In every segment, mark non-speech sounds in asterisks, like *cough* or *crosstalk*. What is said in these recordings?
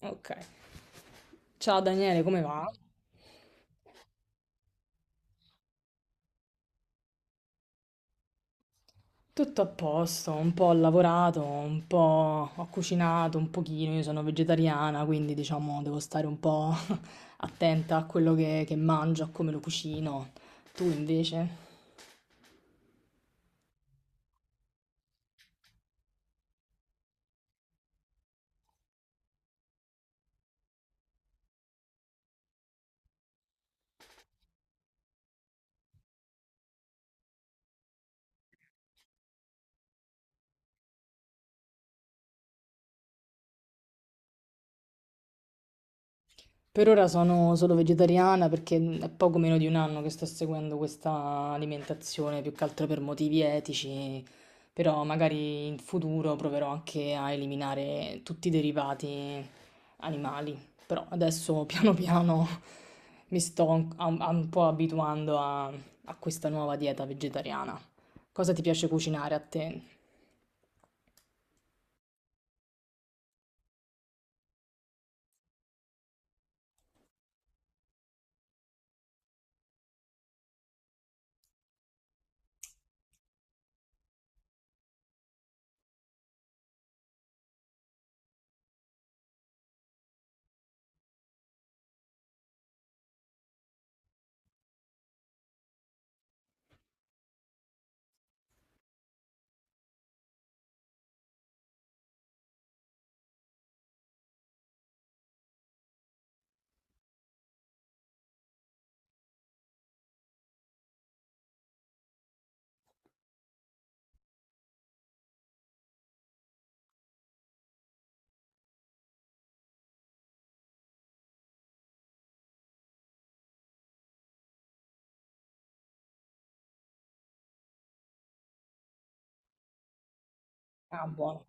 Ok. Ciao Daniele, come va? Tutto a posto, un po' ho lavorato, un po' ho cucinato un pochino, io sono vegetariana, quindi diciamo devo stare un po' *laughs* attenta a quello che mangio, a come lo cucino. Tu invece? Per ora sono solo vegetariana perché è poco meno di un anno che sto seguendo questa alimentazione, più che altro per motivi etici, però magari in futuro proverò anche a eliminare tutti i derivati animali. Però adesso *laughs* piano piano mi sto un po' abituando a questa nuova dieta vegetariana. Cosa ti piace cucinare a te? Ah, buono.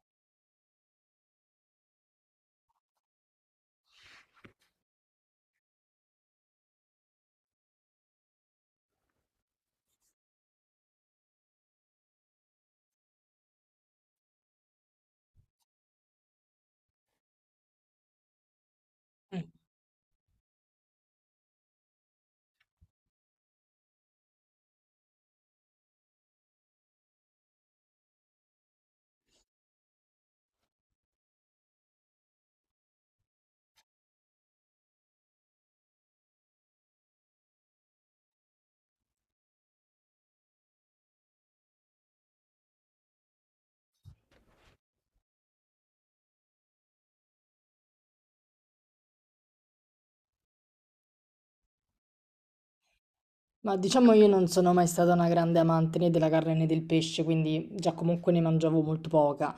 Ma diciamo io non sono mai stata una grande amante né della carne né del pesce, quindi già comunque ne mangiavo molto poca.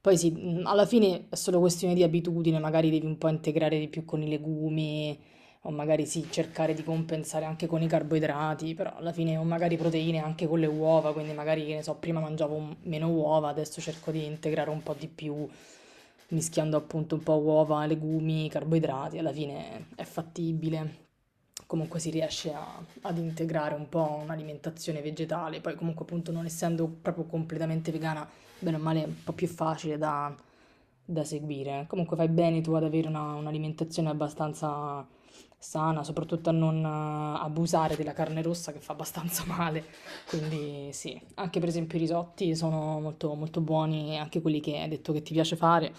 Poi sì, alla fine è solo questione di abitudine, magari devi un po' integrare di più con i legumi, o magari sì, cercare di compensare anche con i carboidrati, però alla fine, o magari proteine anche con le uova, quindi magari, che ne so, prima mangiavo meno uova, adesso cerco di integrare un po' di più, mischiando appunto un po' uova, legumi, carboidrati, alla fine è fattibile. Comunque si riesce ad integrare un po' un'alimentazione vegetale, poi comunque appunto non essendo proprio completamente vegana bene o male un po' più facile da seguire. Comunque fai bene tu ad avere un'alimentazione abbastanza sana, soprattutto a non abusare della carne rossa che fa abbastanza *laughs* male. Quindi sì, anche per esempio i risotti sono molto, molto buoni, anche quelli che hai detto che ti piace fare,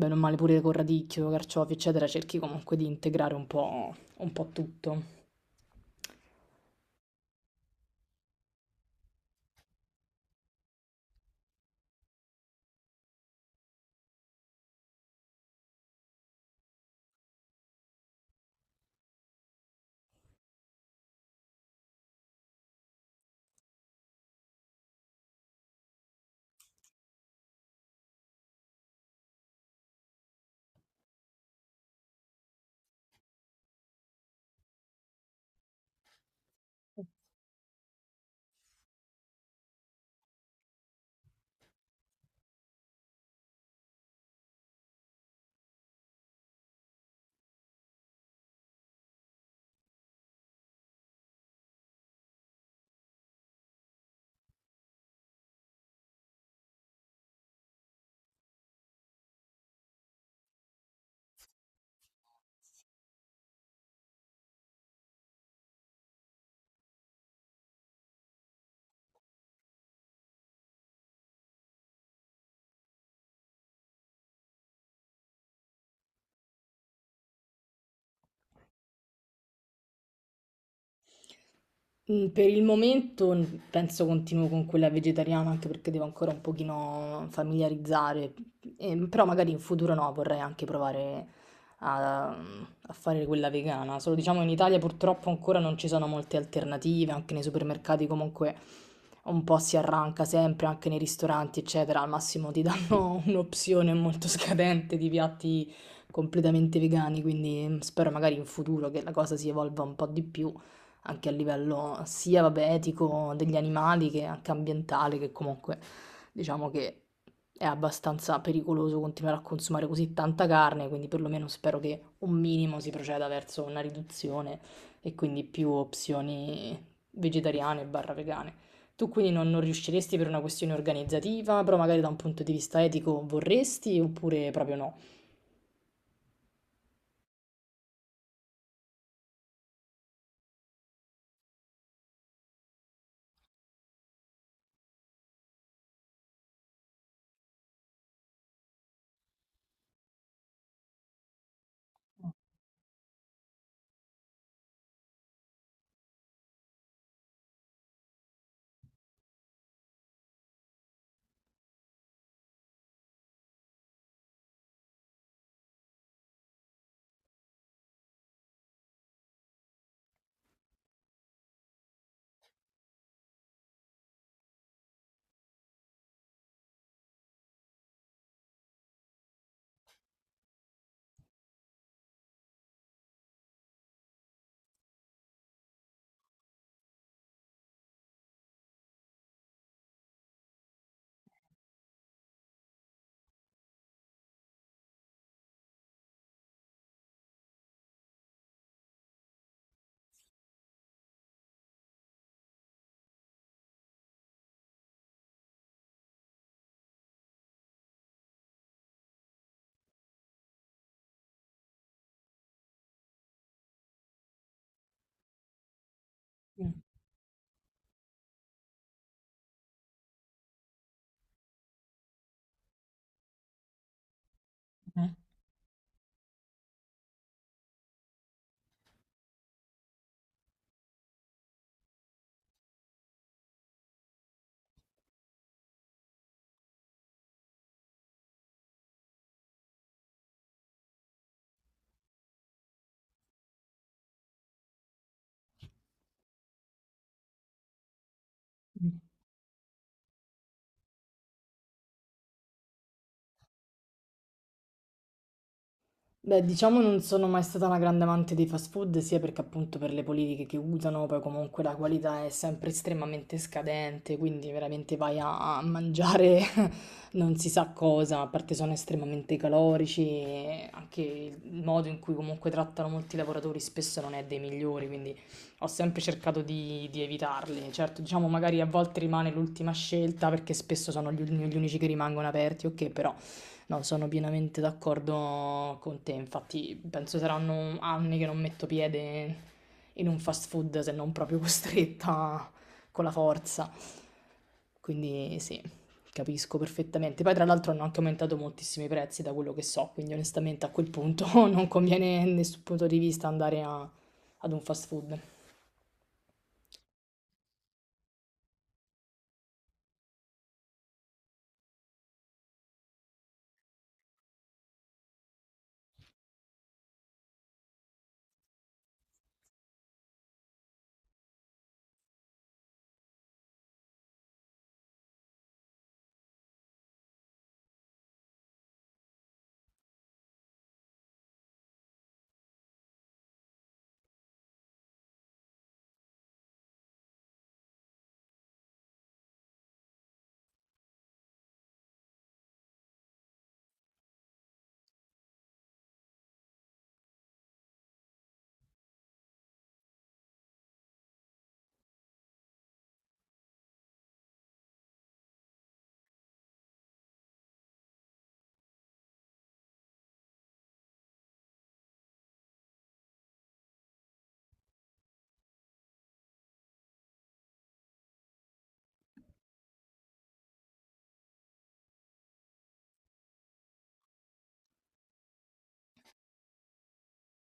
bene o male pure con radicchio, carciofi, eccetera, cerchi comunque di integrare un po' tutto. Mm. Per il momento penso continuo con quella vegetariana anche perché devo ancora un pochino familiarizzare. Però magari in futuro no, vorrei anche provare a fare quella vegana. Solo diciamo in Italia purtroppo ancora non ci sono molte alternative, anche nei supermercati comunque un po' si arranca sempre, anche nei ristoranti eccetera, al massimo ti danno *laughs* un'opzione molto scadente di piatti completamente vegani, quindi mm, spero magari in futuro che la cosa si evolva un po' di più. Anche a livello sia, vabbè, etico degli animali che anche ambientale, che comunque diciamo che è abbastanza pericoloso continuare a consumare così tanta carne, quindi perlomeno spero che un minimo si proceda verso una riduzione e quindi più opzioni vegetariane barra vegane. Tu quindi non riusciresti per una questione organizzativa, però magari da un punto di vista etico vorresti oppure proprio no? Mm, mm. Beh, diciamo non sono mai stata una grande amante dei fast food, sia perché appunto per le politiche che usano, poi comunque la qualità è sempre estremamente scadente, quindi veramente vai a mangiare *laughs* non si sa cosa, a parte sono estremamente calorici, e anche il modo in cui comunque trattano molti lavoratori spesso non è dei migliori, quindi ho sempre cercato di evitarli. Certo, diciamo magari a volte rimane l'ultima scelta perché spesso sono gli unici che rimangono aperti, ok, però... No, sono pienamente d'accordo con te, infatti penso saranno anni che non metto piede in un fast food se non proprio *laughs* costretta con la forza. Quindi sì, capisco perfettamente. Poi tra l'altro hanno anche aumentato moltissimi i prezzi da quello che so, quindi onestamente a quel punto *laughs* non conviene a nessun punto di vista andare ad un fast food.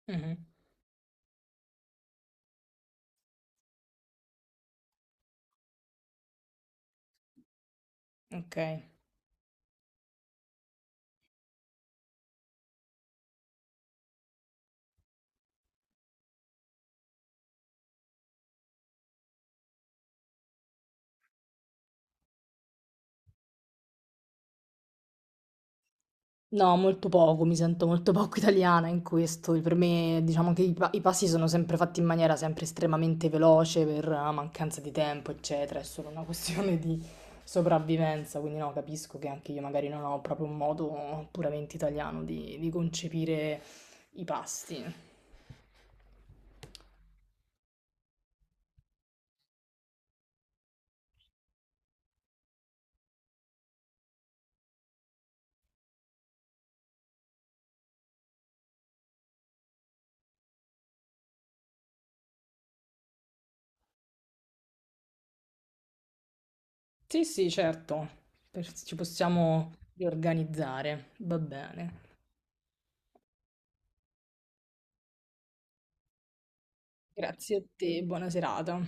Mhm. Ok. No, molto poco, mi sento molto poco *laughs* italiana in questo. Per me, diciamo che i passi sono sempre fatti in maniera sempre estremamente veloce per mancanza di tempo, eccetera. È solo una *laughs* questione di sopravvivenza. Quindi, no, capisco che anche io magari non ho proprio un modo puramente italiano di concepire i pasti. Sì, sì, certo, per- ci possiamo riorganizzare. Va bene. Grazie a te, buona serata.